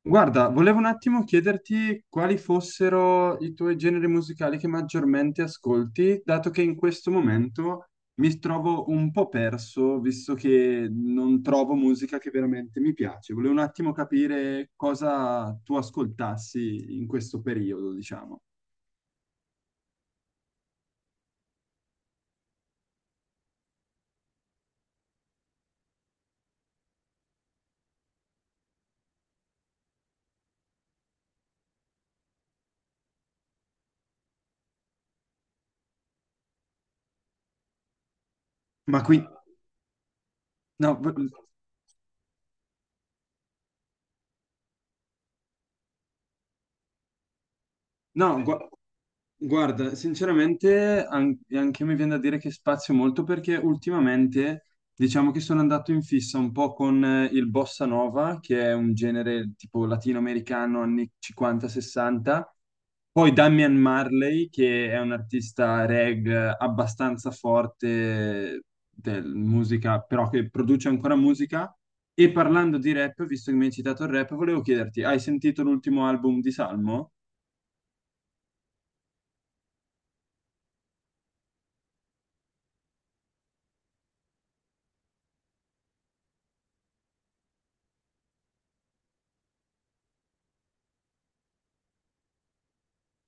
Guarda, volevo un attimo chiederti quali fossero i tuoi generi musicali che maggiormente ascolti, dato che in questo momento mi trovo un po' perso, visto che non trovo musica che veramente mi piace. Volevo un attimo capire cosa tu ascoltassi in questo periodo, diciamo. Ma qui... No, vo- no, gua- Guarda, sinceramente anche a me viene da dire che spazio molto perché ultimamente diciamo che sono andato in fissa un po' con il bossa nova, che è un genere tipo latinoamericano anni 50-60, poi Damian Marley, che è un artista reg abbastanza forte del musica, però che produce ancora musica. E parlando di rap, visto che mi hai citato il rap, volevo chiederti, hai sentito l'ultimo album di Salmo?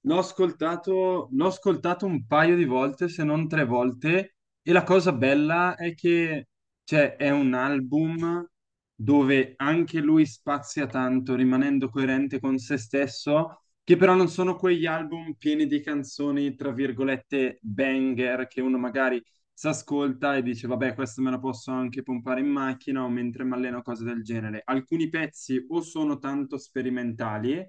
L'ho ascoltato un paio di volte, se non tre volte, e la cosa bella è che cioè, è un album dove anche lui spazia tanto, rimanendo coerente con se stesso, che però non sono quegli album pieni di canzoni, tra virgolette, banger, che uno magari si ascolta e dice, vabbè, questo me lo posso anche pompare in macchina o mentre mi alleno, cose del genere. Alcuni pezzi o sono tanto sperimentali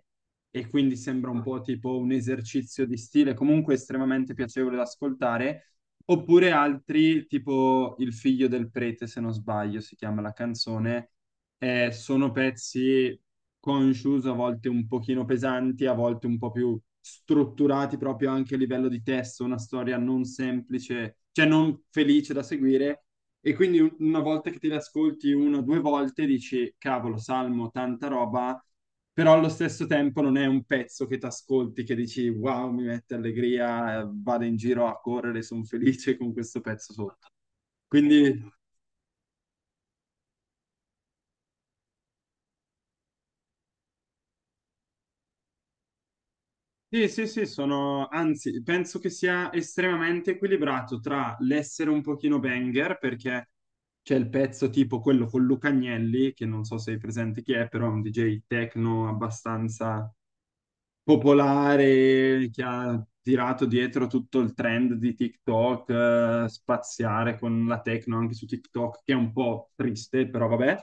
e quindi sembra un po' tipo un esercizio di stile, comunque estremamente piacevole da ascoltare, oppure altri, tipo Il figlio del prete, se non sbaglio, si chiama la canzone, sono pezzi conscious, a volte un pochino pesanti, a volte un po' più strutturati proprio anche a livello di testo, una storia non semplice, cioè non felice da seguire. E quindi una volta che te le ascolti una o due volte dici, cavolo, Salmo, tanta roba, però allo stesso tempo non è un pezzo che ti ascolti, che dici, wow, mi mette allegria, vado in giro a correre, sono felice con questo pezzo sotto. Quindi sì, sì, sì, sono, anzi, penso che sia estremamente equilibrato tra l'essere un pochino banger, perché c'è il pezzo tipo quello con Luca Agnelli, che non so se hai presente chi è, però è un DJ techno abbastanza popolare, che ha tirato dietro tutto il trend di TikTok, spaziare con la techno anche su TikTok, che è un po' triste, però vabbè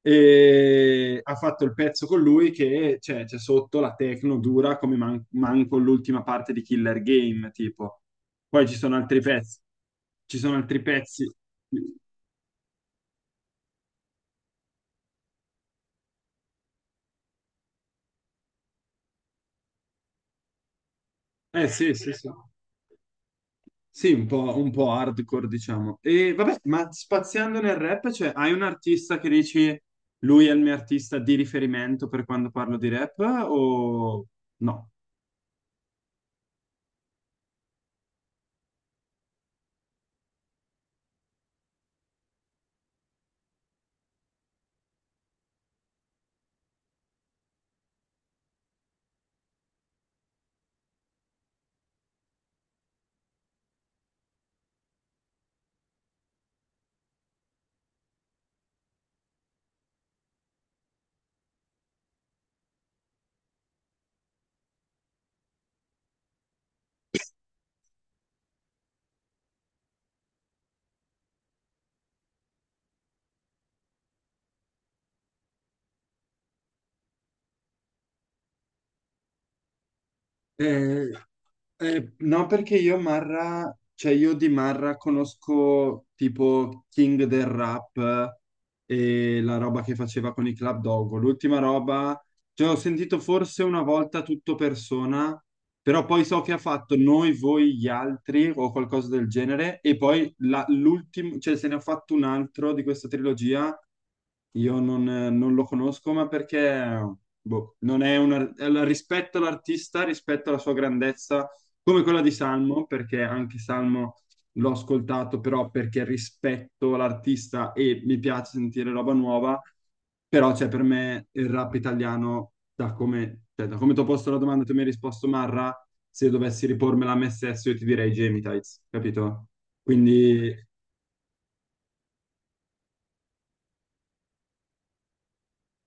e ha fatto il pezzo con lui che cioè, c'è sotto la techno dura come manco l'ultima parte di Killer Game, tipo. Poi ci sono altri pezzi, ci sono altri pezzi. Eh sì, sì, sì. Sì, un po' hardcore, diciamo. E vabbè, ma spaziando nel rap, cioè, hai un artista che dici lui è il mio artista di riferimento per quando parlo di rap o no? Eh, no, perché io Marra, cioè io di Marra conosco tipo King del Rap e la roba che faceva con i Club Dogo. L'ultima roba cioè, ho sentito forse una volta tutto persona, però poi so che ha fatto noi, voi, gli altri o qualcosa del genere, e poi l'ultimo, cioè se ne ha fatto un altro di questa trilogia, io non, non lo conosco, ma perché boh, non è una, è rispetto all'artista, rispetto alla sua grandezza, come quella di Salmo, perché anche Salmo l'ho ascoltato però perché rispetto l'artista e mi piace sentire roba nuova, però cioè, per me il rap italiano, da come, cioè, da come ti ho posto la domanda, tu mi hai risposto Marra, se dovessi ripormela a me stesso io ti direi Jamie Tights, capito? Quindi...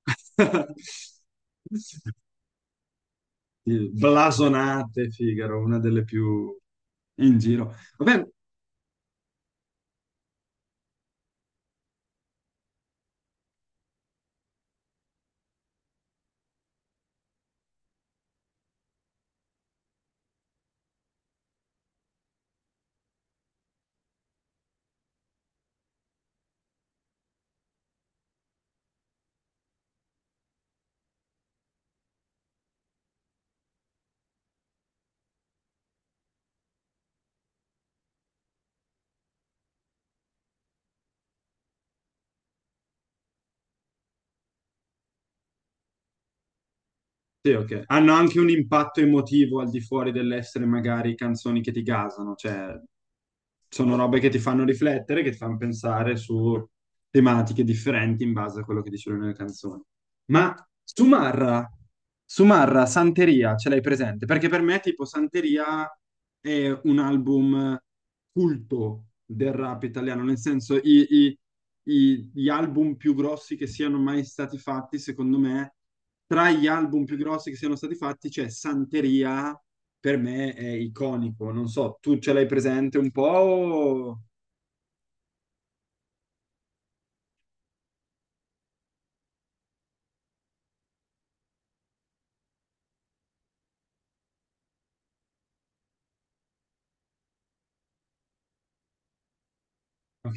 Blasonate, Figaro, una delle più in giro. Vabbè, sì, ok. Hanno anche un impatto emotivo al di fuori dell'essere magari canzoni che ti gasano, cioè sono robe che ti fanno riflettere, che ti fanno pensare su tematiche differenti in base a quello che dicevo nelle canzoni. Ma Sumarra, Sumarra, Santeria, ce l'hai presente? Perché per me tipo Santeria è un album culto del rap italiano, nel senso gli album più grossi che siano mai stati fatti, secondo me, tra gli album più grossi che siano stati fatti c'è Santeria, per me è iconico, non so, tu ce l'hai presente un po'? O- Ok,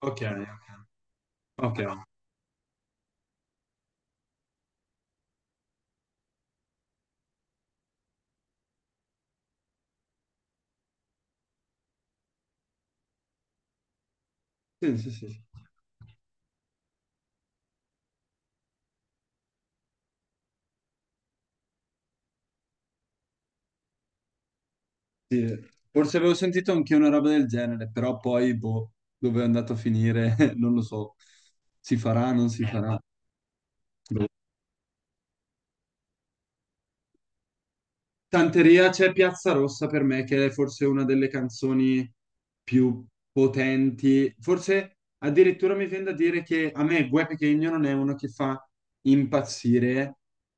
ok, ok. Sì, sì, sì. Sì, forse avevo sentito anche una roba del genere, però poi, boh, dove è andato a finire, non lo so. Si farà, non si farà. Tanteria c'è Piazza Rossa per me, che è forse una delle canzoni più potenti. Forse addirittura mi viene da dire che a me Guè Pequeno non è uno che fa impazzire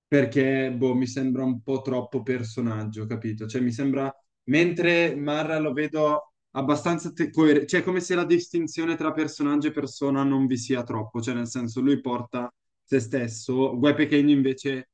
perché boh, mi sembra un po' troppo personaggio, capito? Cioè mi sembra, mentre Marra lo vedo abbastanza cioè come se la distinzione tra personaggio e persona non vi sia troppo, cioè nel senso lui porta se stesso, Guè Pequeno invece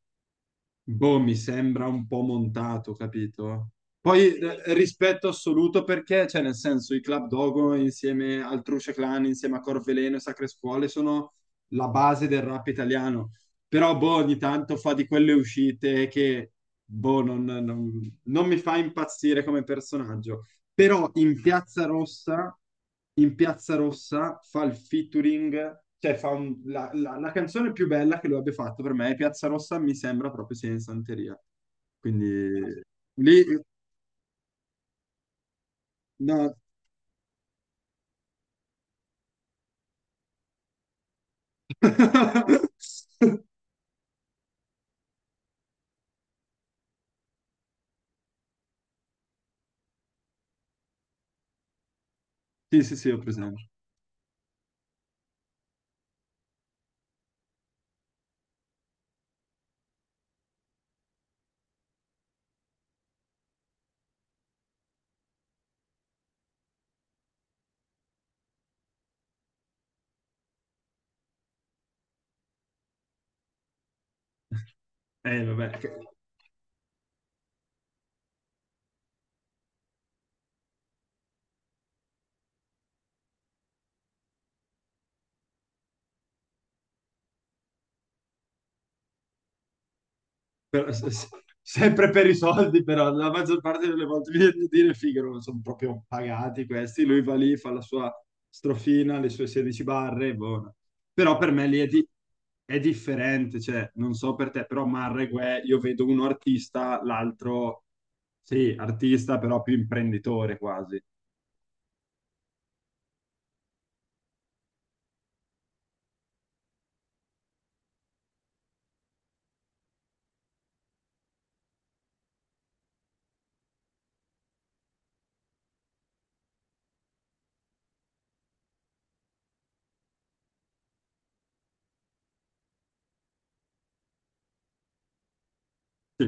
boh, mi sembra un po' montato, capito? Poi rispetto assoluto perché, cioè, nel senso, i Club Dogo insieme al Truce Clan, insieme a Corveleno e Sacre Scuole sono la base del rap italiano. Però, boh, ogni tanto fa di quelle uscite che, boh, non, non mi fa impazzire come personaggio. Però in Piazza Rossa fa il featuring, cioè fa la, la canzone più bella che lui abbia fatto per me, è Piazza Rossa mi sembra proprio sia in Santeria. Quindi lì, no. Sì, sì, sì, ho presente. Vabbè. Però sempre per i soldi, però la maggior parte delle volte mi viene a dire, figo, non sono proprio pagati questi, lui va lì, fa la sua strofina, le sue 16 barre, buona. Però per me lì è, è differente, cioè, non so per te, però Marreguè, io vedo uno artista, l'altro, sì, artista, però più imprenditore quasi. Sì.